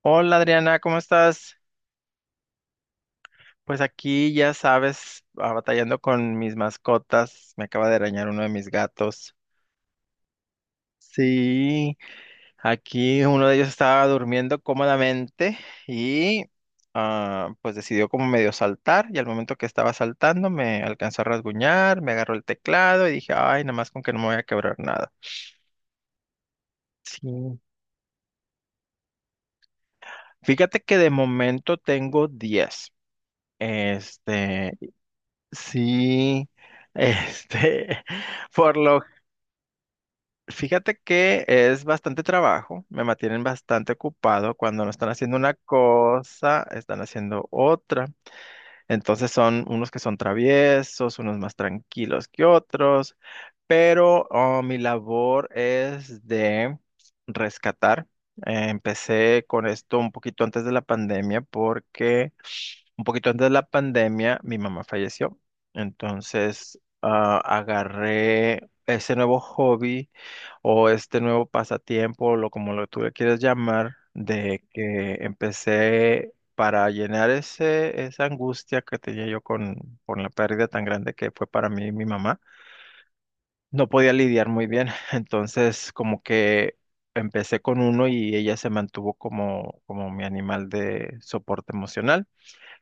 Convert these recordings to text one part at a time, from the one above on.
Hola Adriana, ¿cómo estás? Pues aquí ya sabes, batallando con mis mascotas. Me acaba de arañar uno de mis gatos. Sí, aquí uno de ellos estaba durmiendo cómodamente y pues decidió como medio saltar y al momento que estaba saltando me alcanzó a rasguñar, me agarró el teclado y dije, ay, nada más con que no me voy a quebrar nada. Sí. Fíjate que de momento tengo 10. Este, Sí, este, por lo, fíjate que es bastante trabajo, me mantienen bastante ocupado cuando no están haciendo una cosa, están haciendo otra. Entonces son unos que son traviesos, unos más tranquilos que otros, pero mi labor es de rescatar. Empecé con esto un poquito antes de la pandemia porque un poquito antes de la pandemia, mi mamá falleció. Entonces, agarré ese nuevo hobby o este nuevo pasatiempo, lo como lo tú le quieras llamar, de que empecé para llenar esa angustia que tenía yo con la pérdida tan grande que fue para mí mi mamá. No podía lidiar muy bien, entonces como que empecé con uno y ella se mantuvo como mi animal de soporte emocional.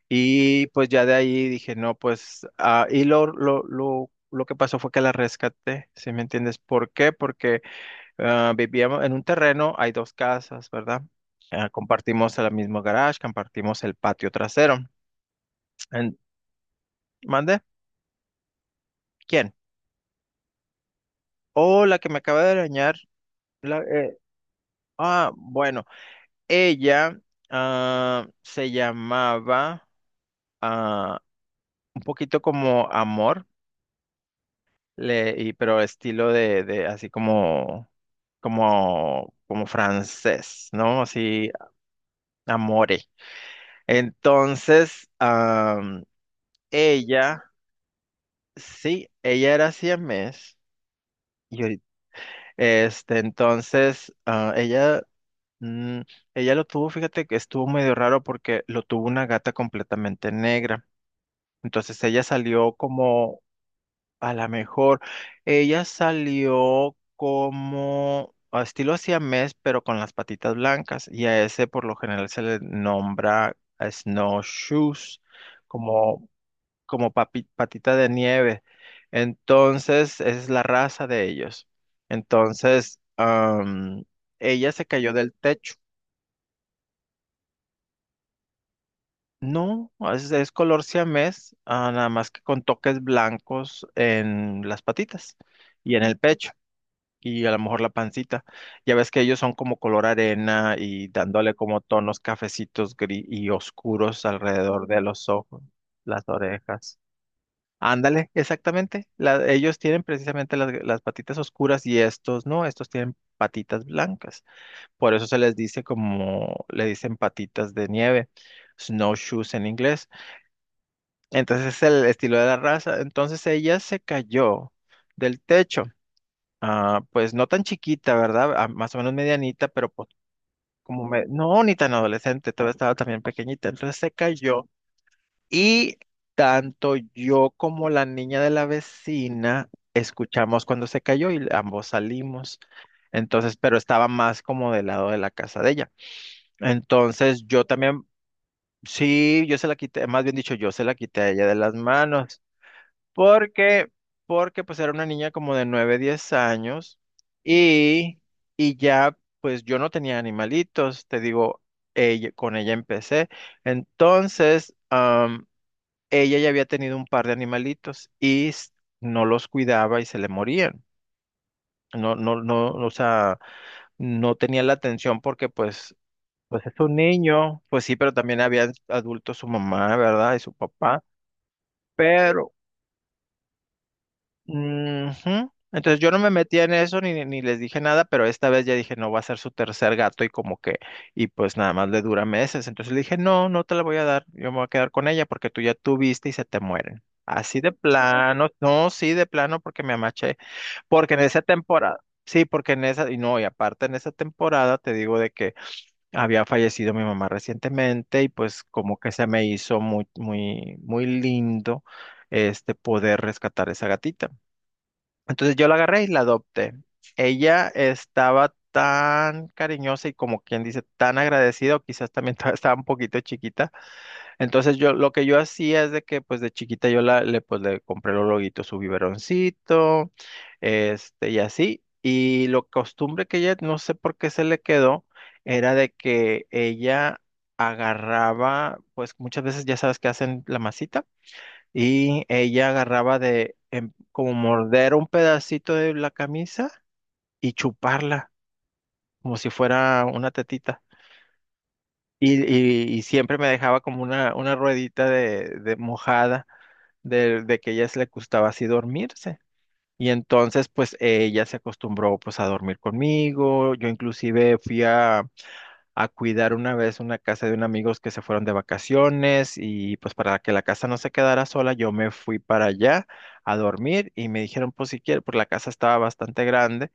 Y pues ya de ahí dije, no, pues, y lo que pasó fue que la rescaté, ¿sí me entiendes? ¿Por qué? Porque vivíamos en un terreno, hay dos casas, ¿verdad? Compartimos el mismo garage, compartimos el patio trasero. En- ¿Mande? ¿Quién? Oh, la que me acaba de arañar. la- eh, ah, bueno, ella se llamaba ah, un poquito como Amor. Pero estilo de así como francés, ¿no? Así, amore. Entonces, ella, sí, ella era siamés. Y ahorita- entonces, ella, mm, ella lo tuvo, fíjate que estuvo medio raro porque lo tuvo una gata completamente negra. Entonces ella salió como A lo mejor ella salió como a estilo siamés, pero con las patitas blancas, y a ese por lo general se le nombra a snowshoes, como, patita de nieve. Entonces, esa es la raza de ellos. Entonces, ella se cayó del techo. No, es color siamés, nada más que con toques blancos en las patitas y en el pecho. Y a lo mejor la pancita. Ya ves que ellos son como color arena y dándole como tonos cafecitos gris y oscuros alrededor de los ojos, las orejas. Ándale, exactamente. Ellos tienen precisamente las patitas oscuras y estos no, estos tienen patitas blancas. Por eso se les dice como le dicen patitas de nieve, snowshoes en inglés. Entonces es el estilo de la raza. Entonces ella se cayó del techo. Pues no tan chiquita, ¿verdad? Más o menos medianita, pero pues como me... No, ni tan adolescente, todavía estaba también pequeñita. Entonces se cayó y tanto yo como la niña de la vecina escuchamos cuando se cayó y ambos salimos. Entonces, pero estaba más como del lado de la casa de ella. Entonces yo también, sí, yo se la quité, más bien dicho, yo se la quité a ella de las manos. Porque, porque pues era una niña como de 9 10 años y, y ya pues yo no tenía animalitos, te digo, con ella empecé. Entonces, ella ya había tenido un par de animalitos y no los cuidaba y se le morían. No, no, no, o sea, no tenía la atención porque pues, pues es un niño, pues sí, pero también había adultos, su mamá, ¿verdad? Y su papá. Pero ujú. Entonces yo no me metía en eso ni les dije nada, pero esta vez ya dije, no, va a ser su tercer gato y como que, y pues nada más le dura meses. Entonces le dije, no, no te la voy a dar, yo me voy a quedar con ella porque tú ya tuviste y se te mueren. Así de plano, no, sí, de plano porque me amaché, porque en esa temporada, sí, porque en esa, y no, y aparte en esa temporada te digo de que había fallecido mi mamá recientemente y pues como que se me hizo muy, muy, muy lindo este poder rescatar esa gatita. Entonces yo la agarré y la adopté. Ella estaba tan cariñosa y como quien dice, tan agradecida, o quizás también estaba un poquito chiquita. Entonces yo lo que yo hacía es de que pues de chiquita yo pues, le compré los loguitos, su biberoncito, y así. Y lo costumbre que ella, no sé por qué se le quedó, era de que ella agarraba, pues muchas veces ya sabes que hacen la masita. Y ella agarraba como morder un pedacito de la camisa y chuparla, como si fuera una tetita. Y siempre me dejaba como una ruedita de mojada de que a ella se le gustaba así dormirse. Y entonces pues ella se acostumbró pues a dormir conmigo. Yo inclusive fui a cuidar una vez una casa de unos amigos que se fueron de vacaciones y pues para que la casa no se quedara sola, yo me fui para allá a dormir y me dijeron, pues si quieres, pues la casa estaba bastante grande,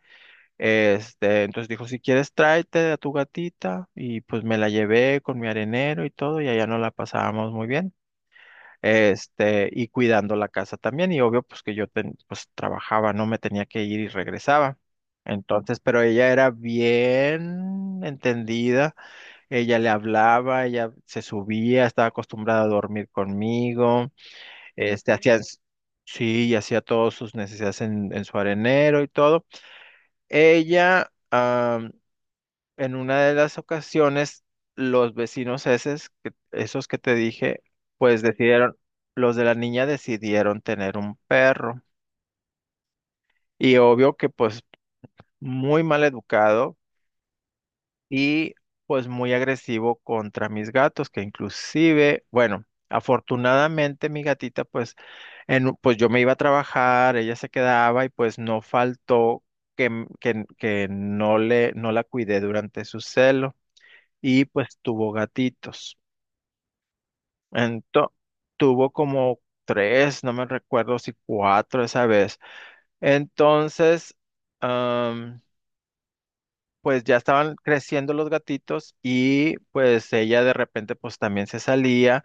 entonces dijo, si quieres tráete a tu gatita y pues me la llevé con mi arenero y todo y allá no la pasábamos muy bien. Y cuidando la casa también, y obvio, pues que pues trabajaba, no me tenía que ir y regresaba. Entonces, pero ella era bien entendida, ella le hablaba, ella se subía, estaba acostumbrada a dormir conmigo, este, hacía, s- sí, y hacía todas sus necesidades en su arenero y todo. Ella, en una de las ocasiones, los vecinos esos que te dije, pues decidieron, los de la niña decidieron tener un perro. Y obvio que pues muy mal educado y pues muy agresivo contra mis gatos, que inclusive, bueno, afortunadamente mi gatita pues pues yo me iba a trabajar, ella se quedaba y pues no faltó que, m- que, n- que no le, no la cuidé durante su celo y pues tuvo gatitos. Entonces, tuvo como tres, no me recuerdo si cuatro esa vez. Entonces, pues ya estaban creciendo los gatitos y pues ella de repente pues también se salía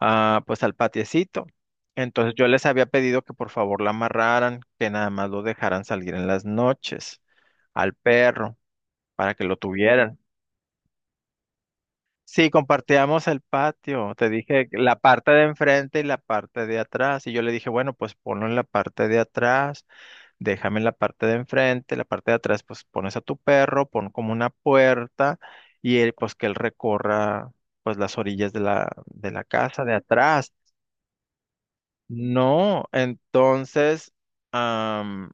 pues al patiecito. Entonces yo les había pedido que por favor la amarraran, que nada más lo dejaran salir en las noches al perro para que lo tuvieran. Sí, compartíamos el patio. Te dije que la parte de enfrente y la parte de atrás. Y yo le dije, bueno, pues ponlo en la parte de atrás. Déjame en la parte de enfrente, la parte de atrás, pues pones a tu perro, pon como una puerta y él, pues que él recorra pues las orillas de la casa, de atrás. No, entonces, am,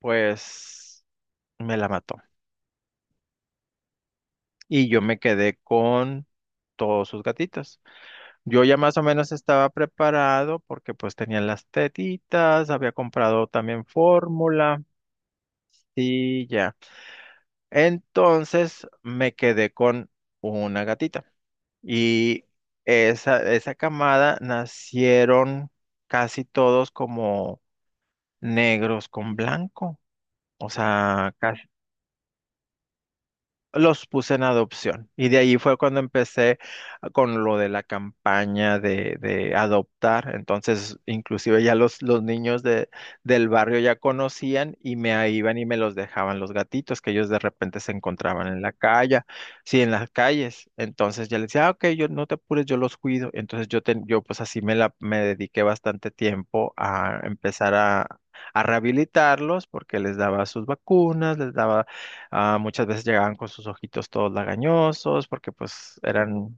pues me la mató y yo me quedé con todos sus gatitos. Yo ya más o menos estaba preparado porque pues tenía las tetitas, había comprado también fórmula y ya. Entonces me quedé con una gatita y esa, de esa camada nacieron casi todos como negros con blanco, o sea, casi. Los puse en adopción. Y de ahí fue cuando empecé con lo de la campaña de adoptar. Entonces, inclusive ya los niños del barrio ya conocían y me ahí iban y me los dejaban los gatitos que ellos de repente se encontraban en la calle, sí, en las calles. Entonces ya les decía, "Ah, ok, yo no te apures, yo los cuido". Entonces yo, yo pues así me, me dediqué bastante tiempo a empezar a rehabilitarlos porque les daba sus vacunas, les daba... muchas veces llegaban con sus ojitos todos lagañosos porque pues eran...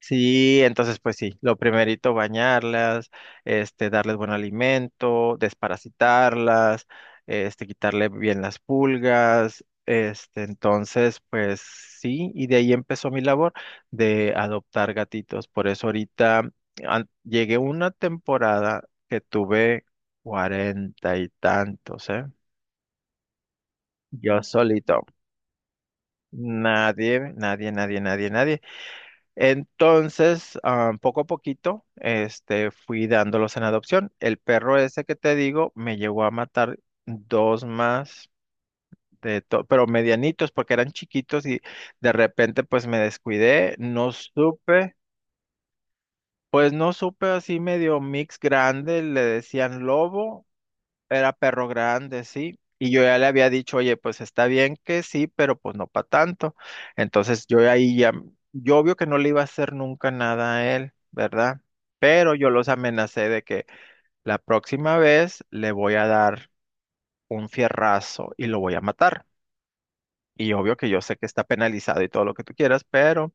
Sí, entonces pues sí, lo primerito bañarlas, darles buen alimento, desparasitarlas, quitarle bien las pulgas, entonces pues sí, y de ahí empezó mi labor de adoptar gatitos. Por eso ahorita llegué una temporada que tuve 40 y tantos, ¿eh? Yo solito. Nadie, nadie, nadie, nadie, nadie. Entonces, poco a poquito, fui dándolos en adopción. El perro ese que te digo me llegó a matar dos más pero medianitos porque eran chiquitos y de repente pues me descuidé, no supe, pues no supe así medio mix grande, le decían lobo. Era perro grande, sí. Y yo ya le había dicho, oye, pues está bien que sí, pero pues no para tanto. Entonces yo ahí ya, yo obvio que no le iba a hacer nunca nada a él, ¿verdad? Pero yo los amenacé de que la próxima vez le voy a dar un fierrazo y lo voy a matar. Y obvio que yo sé que está penalizado y todo lo que tú quieras, pero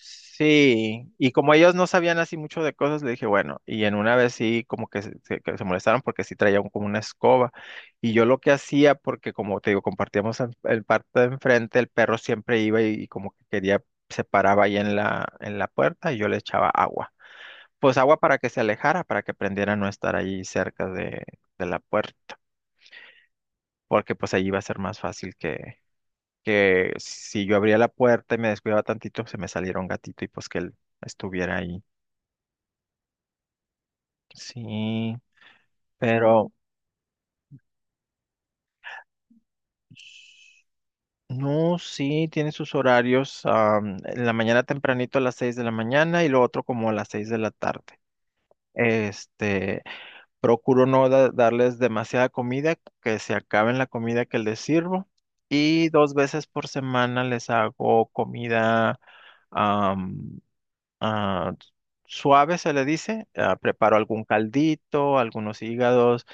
sí, y como ellos no sabían así mucho de cosas, le dije, bueno, y en una vez sí, como que que se molestaron porque sí traía como una escoba. Y yo lo que hacía, porque como te digo, compartíamos el parte de enfrente, el perro siempre iba y como que quería, se paraba ahí en la puerta y yo le echaba agua. Pues agua para que se alejara, para que aprendiera a no estar ahí cerca de la puerta, porque pues ahí iba a ser más fácil que si yo abría la puerta y me descuidaba tantito, se me saliera un gatito y pues que él estuviera ahí. Sí, pero no, sí, tiene sus horarios. En la mañana tempranito a las 6 de la mañana y lo otro como a las 6 de la tarde. Este, procuro no darles demasiada comida, que se acaben la comida que les sirvo. Y dos veces por semana les hago comida, ah, suave, se le dice. Ah, preparo algún caldito, algunos hígados,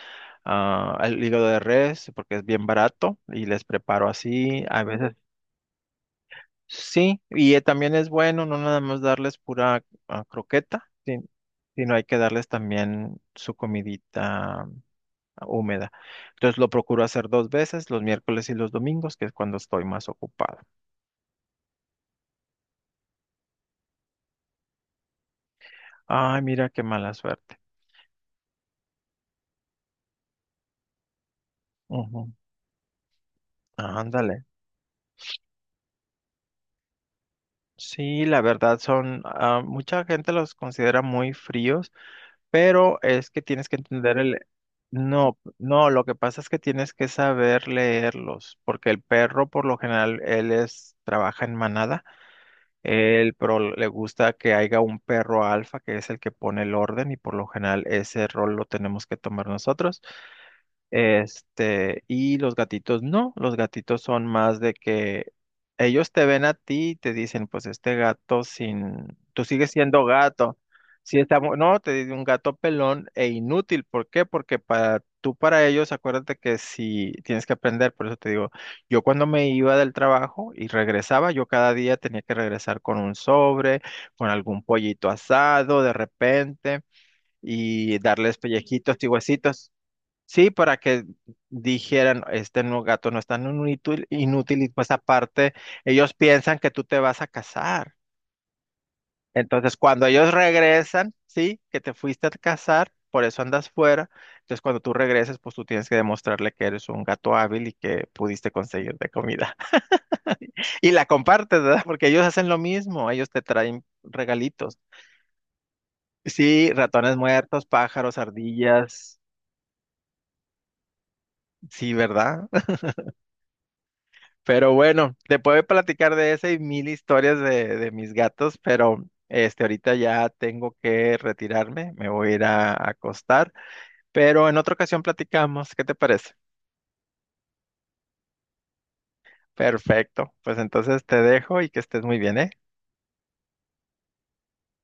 el hígado de res, porque es bien barato y les preparo así. A veces sí, y también es bueno no nada más darles pura croqueta, sí, sino hay que darles también su comidita húmeda. Entonces lo procuro hacer dos veces, los miércoles y los domingos, que es cuando estoy más ocupado. Ay, mira qué mala suerte. Ujú. Ándale. Sí, la verdad son, mucha gente los considera muy fríos, pero es que tienes que entender el... No, no, lo que pasa es que tienes que saber leerlos, porque el perro por lo general, trabaja en manada, él, pero le gusta que haya un perro alfa, que es el que pone el orden, y por lo general ese rol lo tenemos que tomar nosotros. Y los gatitos no, los gatitos son más de que ellos te ven a ti y te dicen, pues este gato sin, tú sigues siendo gato. Si está, no, te dice un gato pelón e inútil. ¿Por qué? Porque para tú, para ellos, acuérdate que si tienes que aprender, por eso te digo, yo cuando me iba del trabajo y regresaba, yo cada día tenía que regresar con un sobre, con algún pollito asado de repente y darles pellejitos y huesitos. Sí, para que dijeran, este no gato no es tan inútil, inútil y pues aparte ellos piensan que tú te vas a casar. Entonces cuando ellos regresan, sí, que te fuiste a casar, por eso andas fuera. Entonces cuando tú regreses, pues tú tienes que demostrarle que eres un gato hábil y que pudiste conseguirte comida. Y la compartes, ¿verdad? Porque ellos hacen lo mismo, ellos te traen regalitos. Sí, ratones muertos, pájaros, ardillas. Sí, ¿verdad? Pero bueno, te puedo platicar de esa y mil historias de mis gatos, pero este ahorita ya tengo que retirarme, me voy a ir a acostar, pero en otra ocasión platicamos, ¿qué te parece? Perfecto, pues entonces te dejo y que estés muy bien, ¿eh?